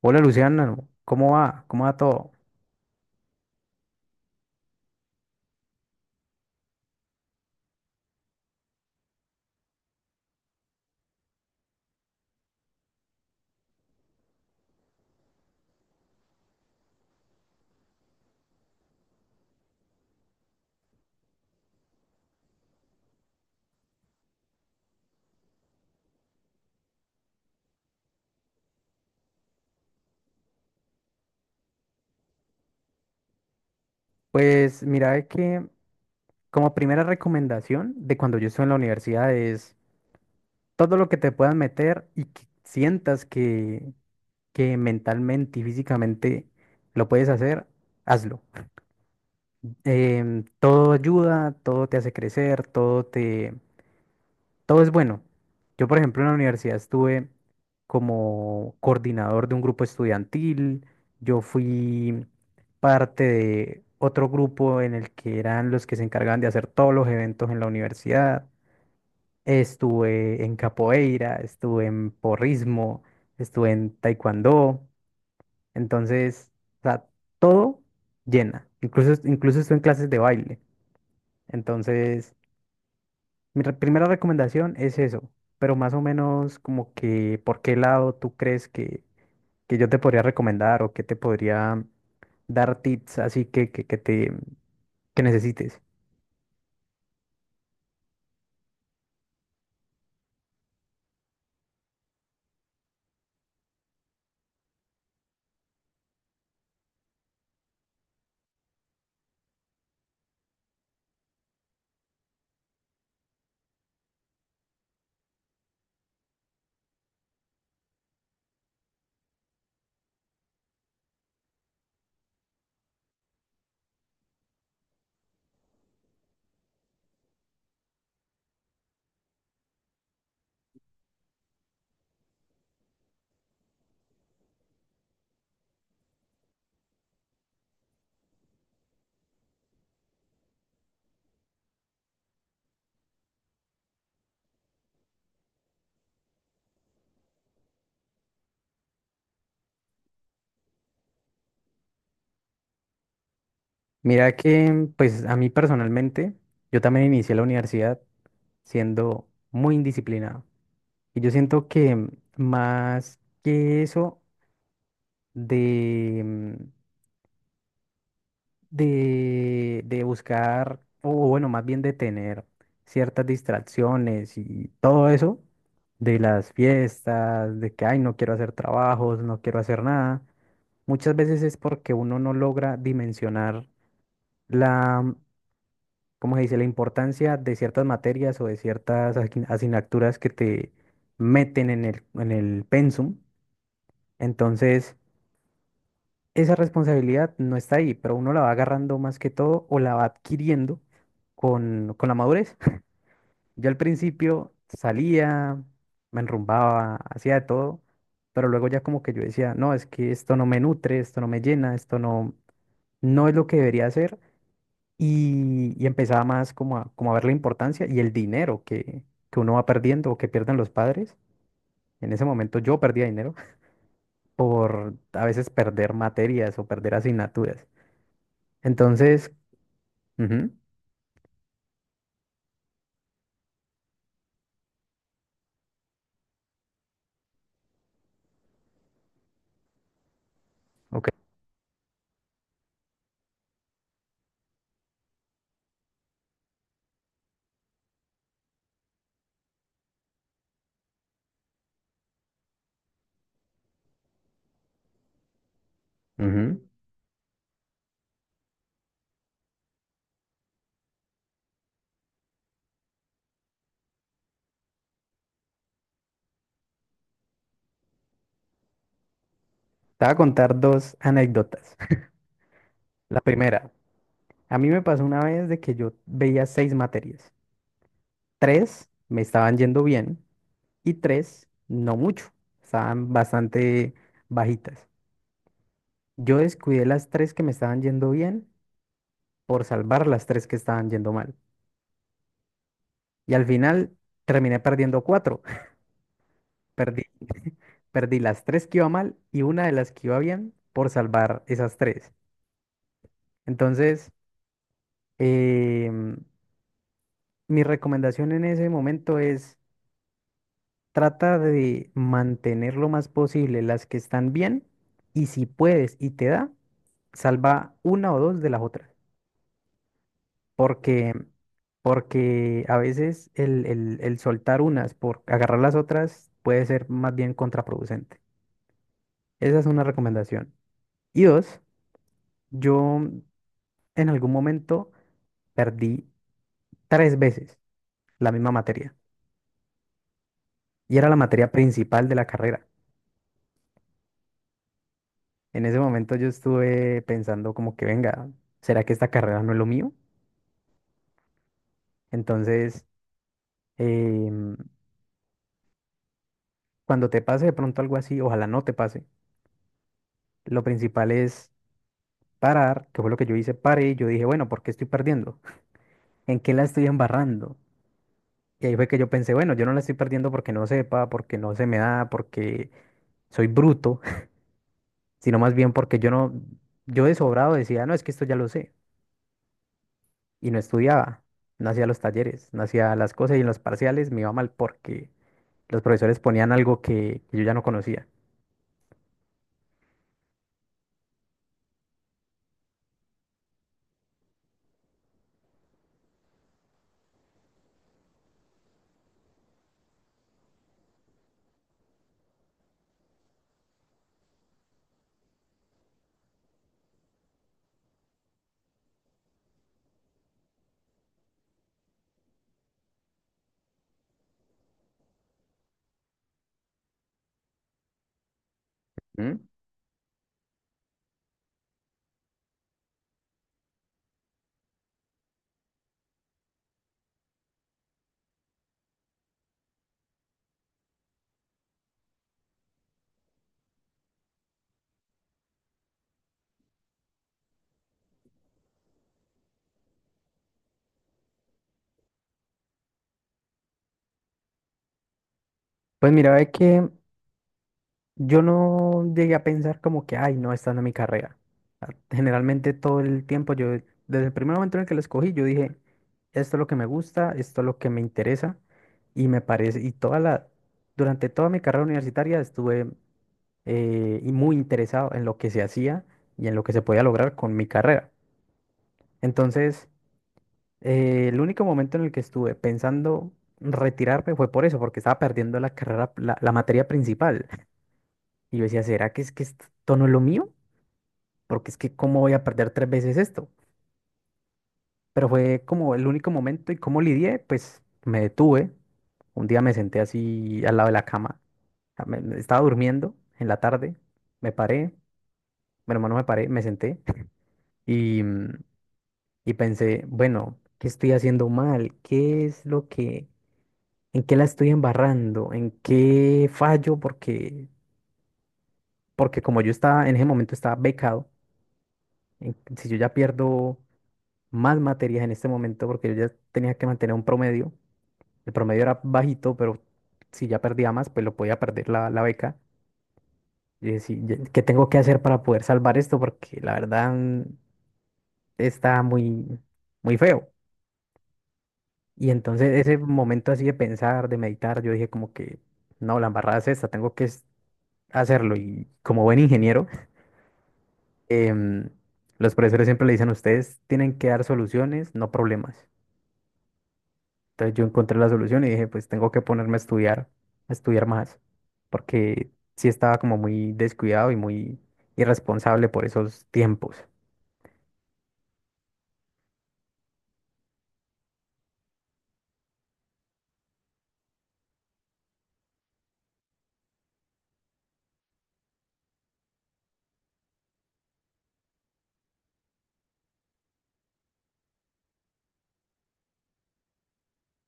Hola Luciana, ¿cómo va? ¿Cómo va todo? Pues mira de que como primera recomendación de cuando yo estuve en la universidad es todo lo que te puedas meter y que sientas que mentalmente y físicamente lo puedes hacer, hazlo. Todo ayuda, todo te hace crecer, todo te Todo es bueno. Yo, por ejemplo, en la universidad estuve como coordinador de un grupo estudiantil. Yo fui parte de otro grupo en el que eran los que se encargaban de hacer todos los eventos en la universidad. Estuve en capoeira, estuve en porrismo, estuve en taekwondo. Entonces, o sea, todo llena. Incluso estuve en clases de baile. Entonces... Primera recomendación es eso, pero más o menos como que por qué lado tú crees que yo te podría recomendar o que te podría dar tips así que te que necesites. Mira que pues a mí personalmente, yo también inicié la universidad siendo muy indisciplinado y yo siento que más que eso de, mm, de, buscar, o bueno, más bien de tener ciertas distracciones y todo eso, de las fiestas, de que, ay, no quiero hacer trabajos, no quiero hacer nada, muchas veces es porque uno no logra dimensionar la, ¿cómo se dice?, la importancia de ciertas materias o de ciertas asignaturas que te meten en el pensum. Entonces, esa responsabilidad no está ahí, pero uno la va agarrando más que todo o la va adquiriendo con la madurez. Yo al principio salía, me enrumbaba, hacía de todo, pero luego ya como que yo decía, no, es que esto no me nutre, esto no me llena, esto no, no es lo que debería hacer. Y empezaba más como como a ver la importancia y el dinero que uno va perdiendo o que pierden los padres. En ese momento yo perdía dinero por a veces perder materias o perder asignaturas. Entonces, ujú. Ok. Ujú. Te voy a contar dos anécdotas. La primera, a mí me pasó una vez de que yo veía seis materias. Tres me estaban yendo bien y tres no mucho. Estaban bastante bajitas. Yo descuidé las tres que me estaban yendo bien por salvar las tres que estaban yendo mal. Y al final terminé perdiendo cuatro. Perdí, perdí las tres que iba mal y una de las que iba bien por salvar esas tres. Entonces, em, mi recomendación en ese momento es trata de mantener lo más posible las que están bien y si puedes y te da, salva una o dos de las otras. Porque, porque a veces el soltar unas por agarrar las otras puede ser más bien contraproducente. Esa es una recomendación. Y dos, yo en algún momento perdí tres veces la misma materia y era la materia principal de la carrera. En ese momento yo estuve pensando como que, venga, ¿será que esta carrera no es lo mío? Entonces, em, cuando te pase de pronto algo así, ojalá no te pase. Lo principal es parar, que fue lo que yo hice, paré y yo dije, bueno, ¿por qué estoy perdiendo? ¿En qué la estoy embarrando? Y ahí fue que yo pensé, bueno, yo no la estoy perdiendo porque no sepa, porque no se me da, porque soy bruto, sino más bien porque yo no, yo de sobrado decía, no, es que esto ya lo sé. Y no estudiaba, no hacía los talleres, no hacía las cosas y en los parciales me iba mal porque... los profesores ponían algo que yo ya no conocía. ¿Mm? Pues mira, ve que yo no llegué a pensar como que, ay, no, esta no es mi carrera. Ah, generalmente todo el tiempo, yo desde el primer momento en el que la escogí, yo dije, esto es lo que me gusta, esto es lo que me interesa y me parece, y toda la, durante toda mi carrera universitaria estuve y muy interesado en lo que se hacía y en lo que se podía lograr con mi carrera. Entonces, el único momento en el que estuve pensando retirarme fue por eso, porque estaba perdiendo la carrera, la materia principal. Y yo decía, ¿será que es que esto no es lo mío? Porque es que ¿cómo voy a perder tres veces esto? Pero fue como el único momento y cómo lidié, pues me detuve. Un día me senté así al lado de la cama. A- me- me Estaba durmiendo en la tarde, me paré, bueno, no me paré, me senté y, mm, y pensé, bueno, ¿qué estoy haciendo mal? ¿Qué es lo que... en qué la estoy embarrando, en qué fallo, porque, porque como yo estaba en ese momento estaba becado, si yo ya pierdo más materias en este momento, porque yo ya tenía que mantener un promedio, el promedio era bajito, pero si ya perdía más, pues lo podía perder la beca. Y decir, ¿qué tengo que hacer para poder salvar esto? Porque la verdad está muy, muy feo. Y entonces ese momento así de pensar, de meditar, yo dije como que, no, la embarrada es esta, hacerlo. Y como buen ingeniero, em, los profesores siempre le dicen, ustedes tienen que dar soluciones, no problemas. Entonces yo encontré la solución y dije, pues tengo que ponerme a estudiar más, porque sí estaba como muy descuidado y muy irresponsable por esos tiempos.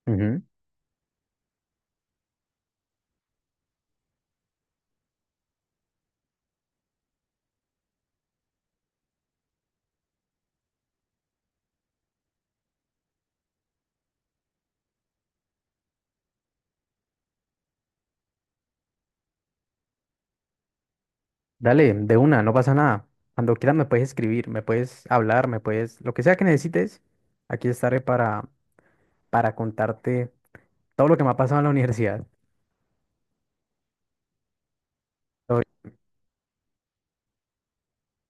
Ujú. Dale, de una, no pasa nada. Cuando quieras me puedes escribir, me puedes hablar, me puedes, lo que sea que necesites, aquí estaré para contarte todo lo que me ha pasado en la universidad.